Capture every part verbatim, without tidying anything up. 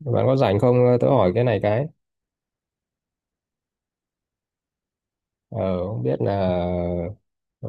Bạn có rảnh không? Tớ hỏi cái này cái. Ờ, không biết là ờ,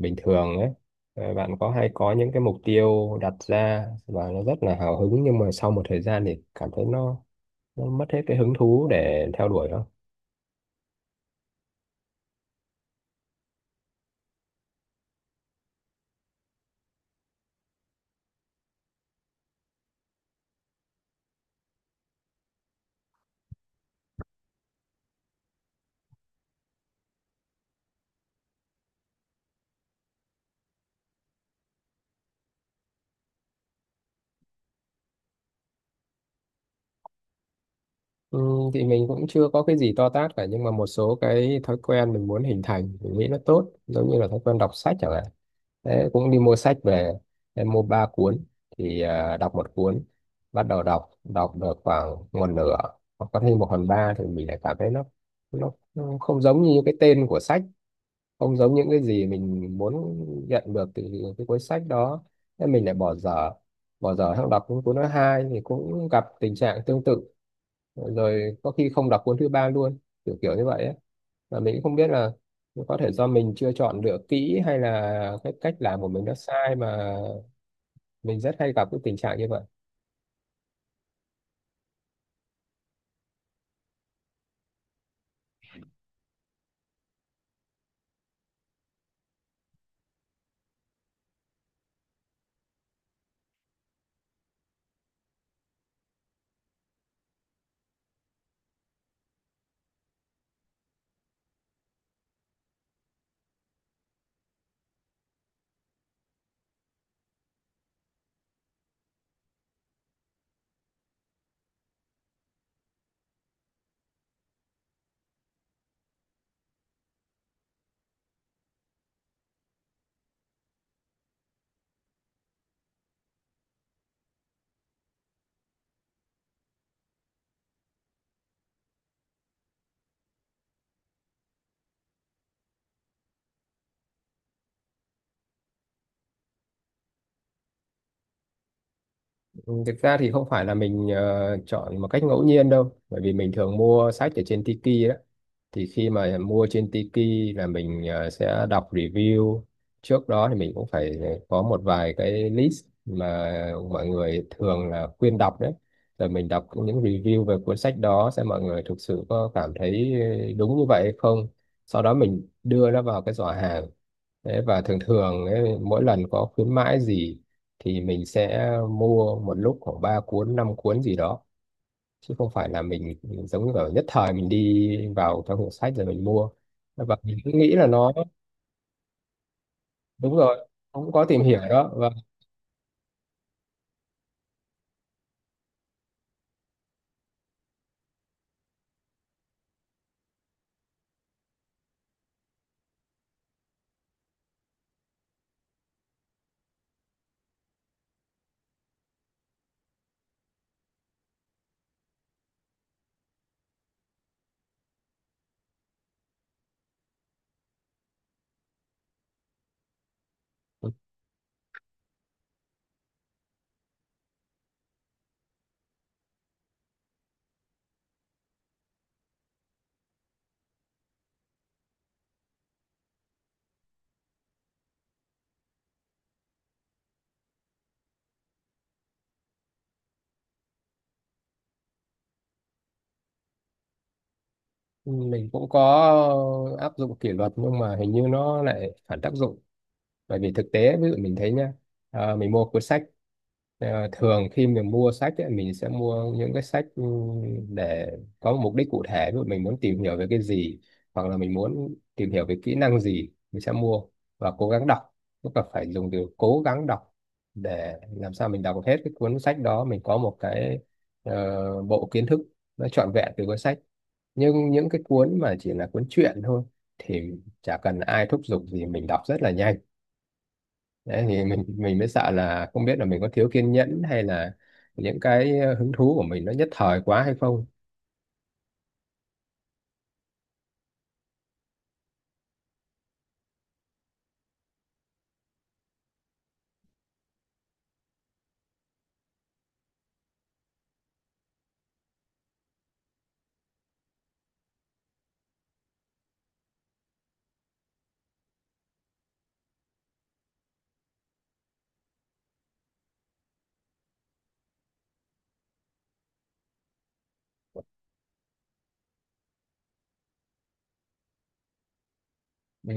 bình thường ấy, ờ, bạn có hay có những cái mục tiêu đặt ra và nó rất là hào hứng nhưng mà sau một thời gian thì cảm thấy nó nó mất hết cái hứng thú để theo đuổi không? Ừ, thì mình cũng chưa có cái gì to tát cả, nhưng mà một số cái thói quen mình muốn hình thành mình nghĩ nó tốt, giống như là thói quen đọc sách chẳng hạn. Thế cũng đi mua sách về, em mua ba cuốn thì à, đọc một cuốn, bắt đầu đọc đọc được khoảng một nửa hoặc có thêm một phần ba thì mình lại cảm thấy nó nó, nó không giống như cái tên của sách, không giống những cái gì mình muốn nhận được từ cái cuốn sách đó nên mình lại bỏ dở bỏ dở sang đọc những cuốn thứ hai thì cũng gặp tình trạng tương tự, rồi có khi không đọc cuốn thứ ba luôn, kiểu kiểu như vậy ấy. Mà mình cũng không biết là có thể do mình chưa chọn lựa kỹ, hay là cái cách làm của mình nó sai, mà mình rất hay gặp cái tình trạng như vậy. Ừ, thực ra thì không phải là mình ờ, chọn một cách ngẫu nhiên đâu, bởi vì mình thường mua sách ở trên Tiki đó. Thì khi mà mua trên Tiki là mình ờ, sẽ đọc review. Trước đó thì mình cũng phải có một vài cái list mà mọi người thường là khuyên đọc đấy, rồi mình đọc những review về cuốn sách đó xem mọi người thực sự có cảm thấy đúng như vậy hay không, sau đó mình đưa nó vào cái giỏ hàng. Đấy, và thường thường ấy, mỗi lần có khuyến mãi gì thì mình sẽ mua một lúc khoảng ba cuốn năm cuốn gì đó, chứ không phải là mình, mình giống như kiểu nhất thời mình đi vào trong hiệu sách rồi mình mua và mình cứ nghĩ là nó đúng rồi, cũng có tìm hiểu đó. Và mình cũng có áp dụng kỷ luật nhưng mà hình như nó lại phản tác dụng, bởi vì thực tế ví dụ mình thấy nhá, ờ, mình mua cuốn sách, ờ, thường khi mình mua sách ấy, mình sẽ mua những cái sách ừ, để có một mục đích cụ thể, ví dụ mình muốn tìm hiểu về cái gì hoặc là mình muốn tìm hiểu về kỹ năng gì mình sẽ mua và cố gắng đọc, tức là phải dùng từ cố gắng đọc để làm sao mình đọc hết cái cuốn sách đó, mình có một cái ờ, bộ kiến thức nó trọn vẹn từ cuốn sách. Nhưng những cái cuốn mà chỉ là cuốn truyện thôi thì chả cần ai thúc giục gì mình đọc rất là nhanh. Đấy, thì mình mình mới sợ là không biết là mình có thiếu kiên nhẫn hay là những cái ờ, hứng thú của mình nó nhất thời quá hay không. Ừ.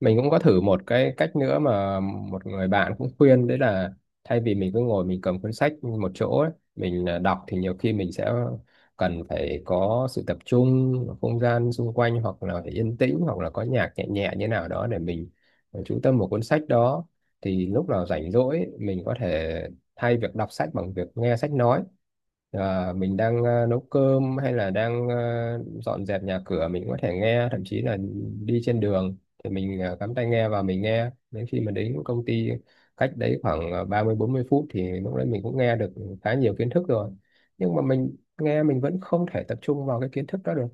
Mình cũng có thử một cái cách nữa mà một người bạn cũng khuyên, đấy là thay vì mình cứ ngồi mình cầm cuốn sách một chỗ ấy, mình à, đọc thì nhiều khi mình sẽ cần phải có sự tập trung ở không gian xung quanh, hoặc là phải yên tĩnh hoặc là có nhạc nhẹ nhẹ như nào đó để mình à, chú tâm vào cuốn sách đó. Thì lúc nào rảnh rỗi ấy, mình có thể thay việc đọc sách bằng việc nghe sách nói. À, mình đang à, nấu cơm hay là đang à, dọn dẹp nhà cửa mình có thể nghe, thậm chí là đi trên đường thì mình à, cắm tai nghe và mình nghe đến khi mình đến công ty, cách đấy khoảng à, ba mươi bốn mươi phút, thì lúc đấy mình cũng nghe được khá nhiều kiến thức rồi, nhưng mà mình nghe mình vẫn không thể tập trung vào cái kiến thức đó được.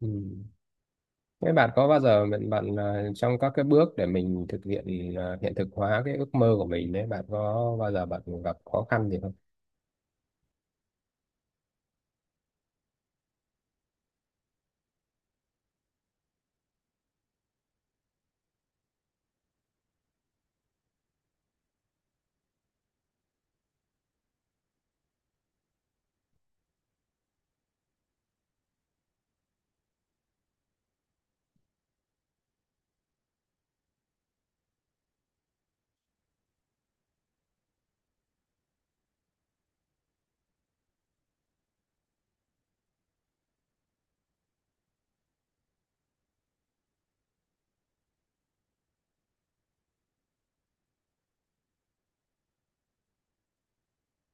Ừ. Thế bạn có bao giờ, mình bạn à, trong các cái bước để mình thực hiện, à, hiện thực hóa cái ước mơ của mình đấy, bạn có bao giờ bạn gặp khó khăn gì không?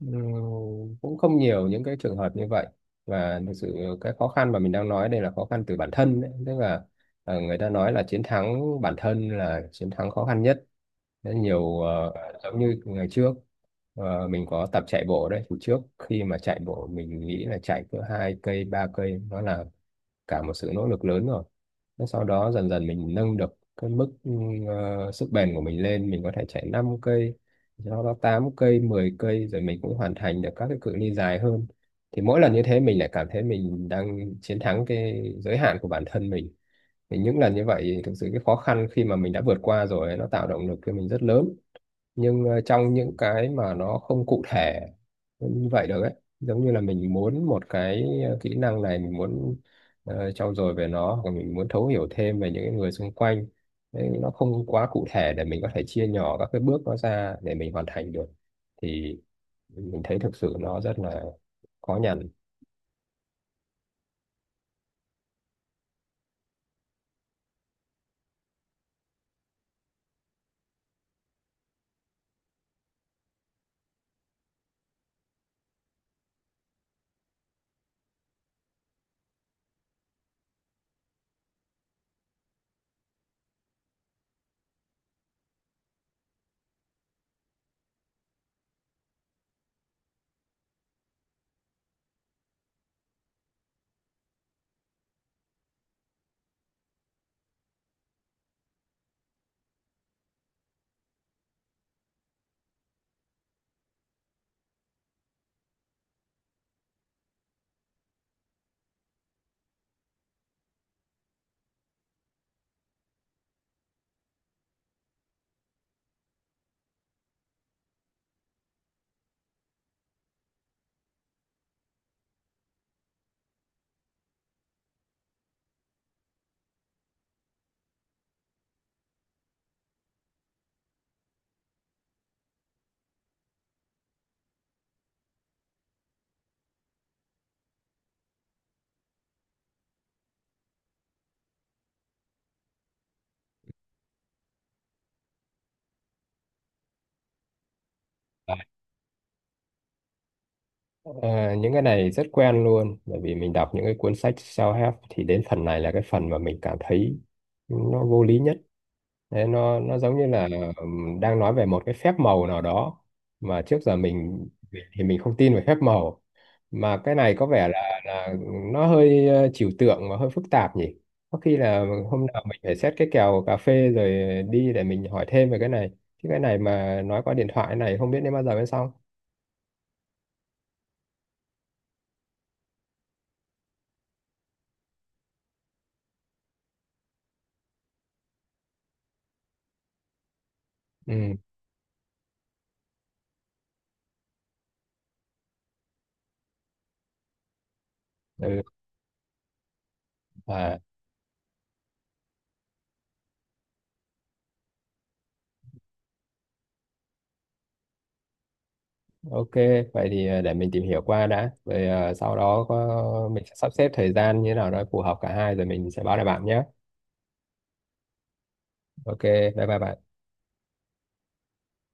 Ừm, cũng không nhiều những cái trường hợp như vậy, và thực sự cái khó khăn mà mình đang nói đây là khó khăn từ bản thân đấy. Tức là ờ, người ta nói là chiến thắng bản thân là chiến thắng khó khăn nhất. Đấy, nhiều ờ, giống như ngày trước ờ, mình có tập chạy bộ đấy, thì trước khi mà chạy bộ mình nghĩ là chạy cỡ hai cây ba cây nó là cả một sự nỗ lực lớn rồi. Thế sau đó dần dần mình nâng được cái mức ừ, ờ, sức bền của mình lên, mình có thể chạy năm cây, sau đó tám cây mười cây rồi mình cũng hoàn thành được các cái cự ly dài hơn. Thì mỗi lần như thế mình lại cảm thấy mình đang chiến thắng cái giới hạn của bản thân mình. Thì những lần như vậy, thực sự cái khó khăn khi mà mình đã vượt qua rồi nó tạo động lực cho mình rất lớn. Nhưng ờ, trong những cái mà nó không cụ thể như vậy được ấy, giống như là mình muốn một cái ờ, kỹ năng này mình muốn ờ, trau dồi về nó, hoặc mình muốn thấu hiểu thêm về những cái người xung quanh. Đấy, nó không quá cụ thể để mình có thể chia nhỏ các cái bước nó ra để mình hoàn thành được, thì mình thấy thực sự nó rất là khó nhằn. Đấy. Ờ, những cái này rất quen luôn, bởi vì mình đọc những cái cuốn sách self-help thì đến phần này là cái phần mà mình cảm thấy nó vô lý nhất. Đấy, nó nó giống như là ừm, đang nói về một cái phép màu nào đó mà trước giờ mình mình- thì mình không tin về phép màu, mà cái này có vẻ là là nó hơi ờ, trừu tượng và hơi phức tạp nhỉ. Có khi là hôm nào mình phải xét cái kèo cà phê rồi đi để mình hỏi thêm về cái này, chứ cái này mà nói qua điện thoại này không biết đến bao giờ mới xong. Ừ, ừ. À, ok, vậy thì ờ, để mình tìm hiểu qua đã, rồi ờ, sau đó có, mình sẽ sắp xếp thời gian như thế nào đó phù hợp cả hai rồi mình sẽ báo lại bạn nhé. Ok, bye bye bạn.